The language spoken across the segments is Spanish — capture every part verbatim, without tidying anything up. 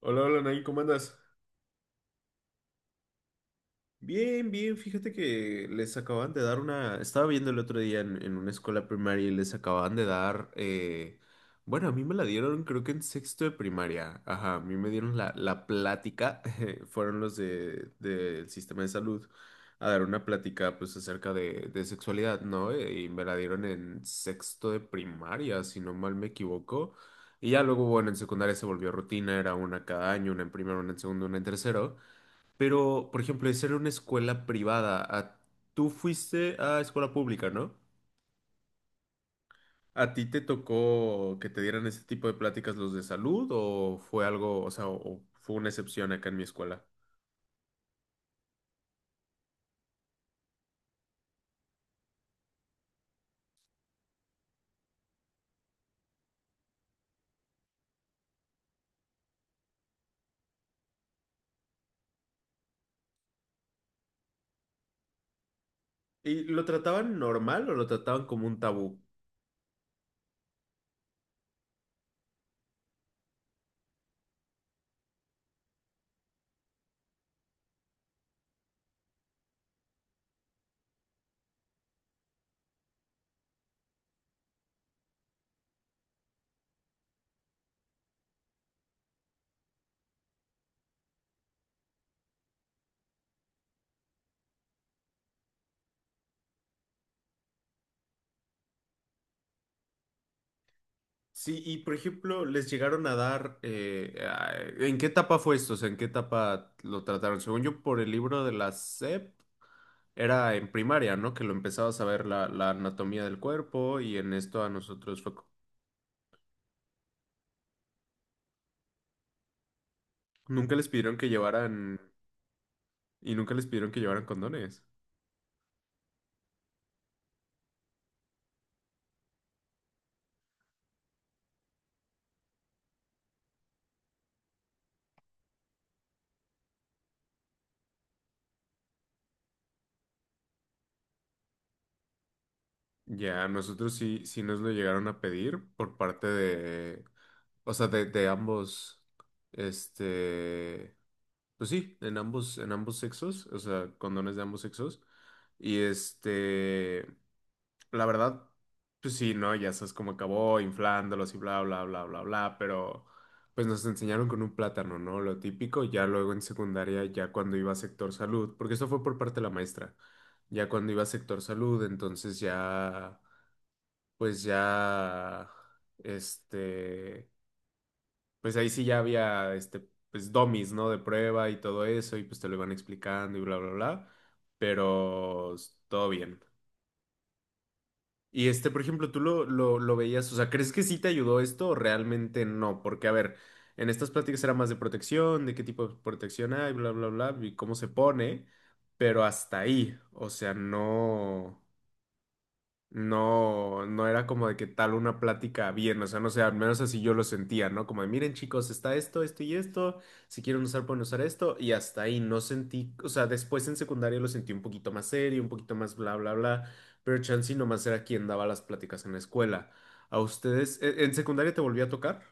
Hola, hola, Nay, ¿cómo andas? Bien, bien, fíjate que les acaban de dar una... Estaba viendo el otro día en, en una escuela primaria y les acaban de dar... eh, bueno, a mí me la dieron creo que en sexto de primaria. Ajá, a mí me dieron la, la plática. Fueron los de, del sistema de salud a dar una plática pues acerca de, de sexualidad, ¿no? Eh, Y me la dieron en sexto de primaria, si no mal me equivoco. Y ya luego, bueno, en secundaria se volvió rutina, era una cada año, una en primero, una en segundo, una en tercero. Pero, por ejemplo, de ser una escuela privada. A- Tú fuiste a escuela pública, ¿no? ¿A ti te tocó que te dieran ese tipo de pláticas los de salud o fue algo, o sea, o o fue una excepción acá en mi escuela? ¿Y lo trataban normal o lo trataban como un tabú? Sí, y por ejemplo, les llegaron a dar, eh, a- ¿en qué etapa fue esto? O sea, ¿en qué etapa lo trataron? Según yo, por el libro de la S E P, era en primaria, ¿no? Que lo empezabas a ver la, la anatomía del cuerpo y en esto a nosotros fue... Nunca les pidieron que llevaran, y nunca les pidieron que llevaran condones. Ya, nosotros sí, sí nos lo llegaron a pedir por parte de, o sea, de, de ambos, este, pues sí, en ambos, en ambos sexos, o sea, condones de ambos sexos. Y este, la verdad, pues sí, ¿no? Ya sabes cómo acabó, inflándolos y bla, bla, bla, bla, bla, pero pues nos enseñaron con un plátano, ¿no? Lo típico, ya luego en secundaria, ya cuando iba a sector salud, porque eso fue por parte de la maestra, ya cuando iba a sector salud, entonces ya, pues ya, este, pues ahí sí ya había, este, pues domis, ¿no? De prueba y todo eso, y pues te lo iban explicando y bla, bla, bla, pero s- todo bien. Y este, por ejemplo, tú lo, lo, lo veías, o sea, ¿crees que sí te ayudó esto o realmente no? Porque, a ver, en estas pláticas era más de protección, de qué tipo de protección hay, bla, bla, bla, y cómo se pone, pero hasta ahí, o sea, no. No, no era como de que tal una plática bien, o sea, no sé, al menos así yo lo sentía, ¿no? Como de, miren chicos, está esto, esto y esto, si quieren usar pueden usar esto, y hasta ahí no sentí, o sea, después en secundaria lo sentí un poquito más serio, un poquito más bla, bla, bla, pero Chansey nomás era quien daba las pláticas en la escuela. ¿A ustedes, e- en secundaria te volví a tocar?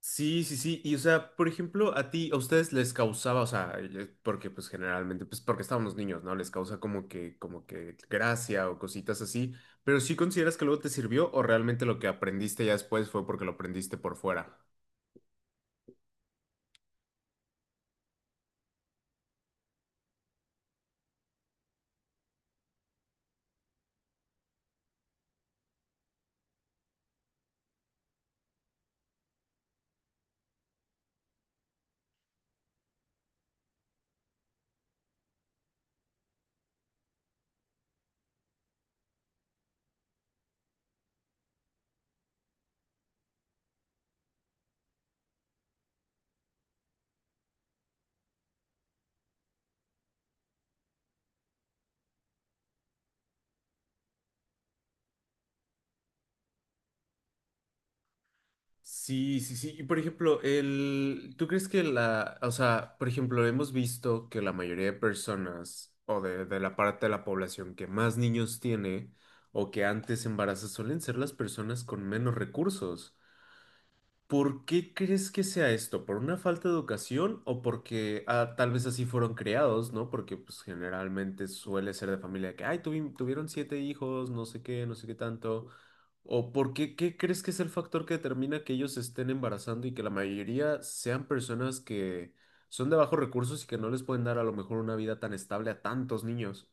Sí, sí, sí. Y o sea, por ejemplo, a ti, a ustedes les causaba, o sea, eh, porque pues generalmente, pues porque estábamos niños, ¿no? Les causa como que, como que gracia o cositas así. Pero sí consideras que luego te sirvió o realmente lo que aprendiste ya después fue porque lo aprendiste por fuera. Sí, sí, sí. Y por ejemplo, el, ¿tú crees que la, o sea, por ejemplo, hemos visto que la mayoría de personas o de, de la parte de la población que más niños tiene o que antes embaraza suelen ser las personas con menos recursos? ¿Por qué crees que sea esto? ¿Por una falta de educación o porque ah, tal vez así fueron criados, ¿no? Porque pues generalmente suele ser de familia que, ay, tuvi- tuvieron siete hijos, no sé qué, no sé qué tanto. ¿O por qué, qué crees que es el factor que determina que ellos se estén embarazando y que la mayoría sean personas que son de bajos recursos y que no les pueden dar a lo mejor una vida tan estable a tantos niños?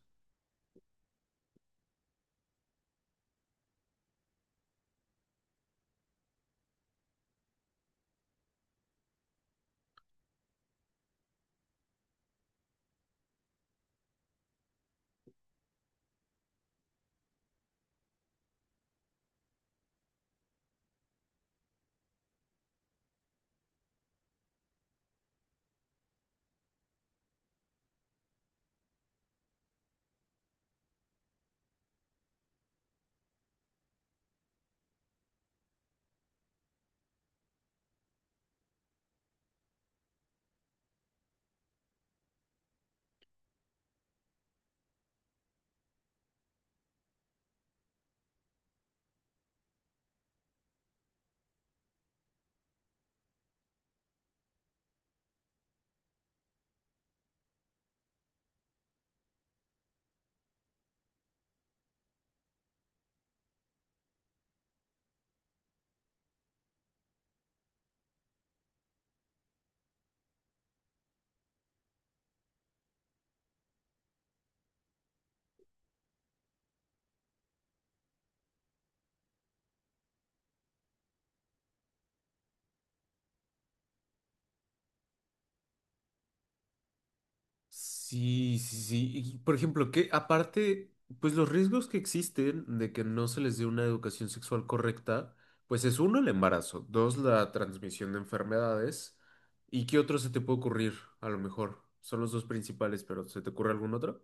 Sí, sí, sí. Y, por ejemplo, que aparte, pues los riesgos que existen de que no se les dé una educación sexual correcta, pues es uno, el embarazo, dos, la transmisión de enfermedades, ¿y qué otro se te puede ocurrir? A lo mejor son los dos principales, pero ¿se te ocurre algún otro?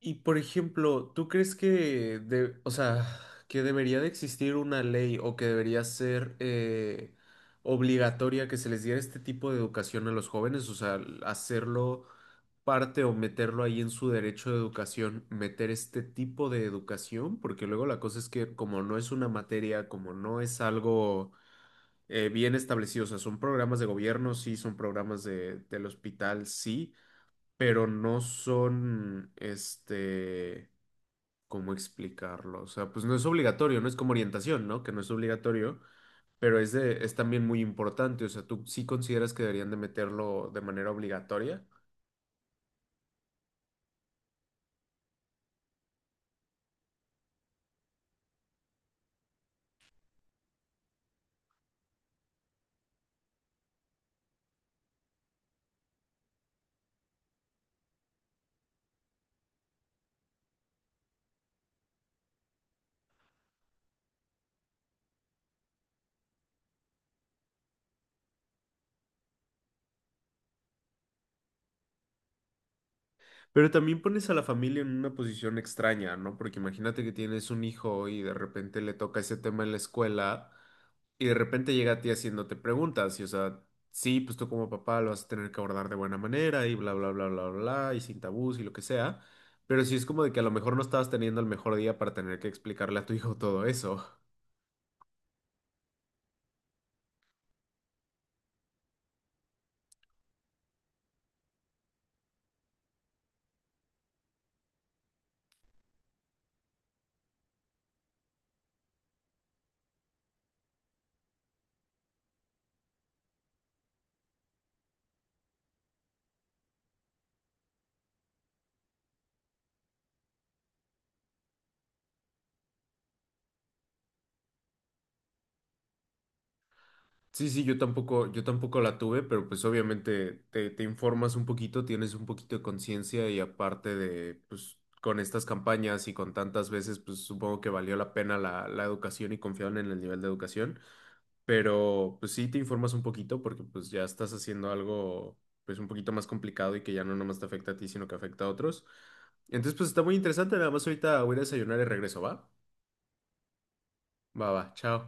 Y por ejemplo, ¿tú crees que, de, o sea, que debería de existir una ley o que debería ser eh, obligatoria que se les diera este tipo de educación a los jóvenes? O sea, hacerlo parte o meterlo ahí en su derecho de educación, meter este tipo de educación, porque luego la cosa es que como no es una materia, como no es algo eh, bien establecido, o sea, son programas de gobierno, sí, son programas de, del hospital, sí, pero no son, este ¿Cómo explicarlo? O sea, pues no es obligatorio, no es como orientación, ¿no? Que no es obligatorio, pero es de, es también muy importante. O sea, tú sí consideras que deberían de meterlo de manera obligatoria, pero también pones a la familia en una posición extraña, ¿no? Porque imagínate que tienes un hijo y de repente le toca ese tema en la escuela. Y de repente llega a ti haciéndote preguntas, y o sea, sí, pues tú como papá lo vas a tener que abordar de buena manera, y bla, bla, bla, bla, bla, y sin tabús y lo que sea, pero sí es como de que a lo mejor no estabas teniendo el mejor día para tener que explicarle a tu hijo todo eso. Sí, sí, yo tampoco, yo tampoco la tuve, pero pues obviamente te, te informas un poquito, tienes un poquito de conciencia y aparte de, pues con estas campañas y con tantas veces, pues supongo que valió la pena la, la educación y confiaron en el nivel de educación. Pero pues sí te informas un poquito porque pues ya estás haciendo algo pues un poquito más complicado y que ya no nomás te afecta a ti, sino que afecta a otros. Entonces pues está muy interesante, nada más ahorita voy a ir a desayunar y regreso, ¿va? Va, va, chao.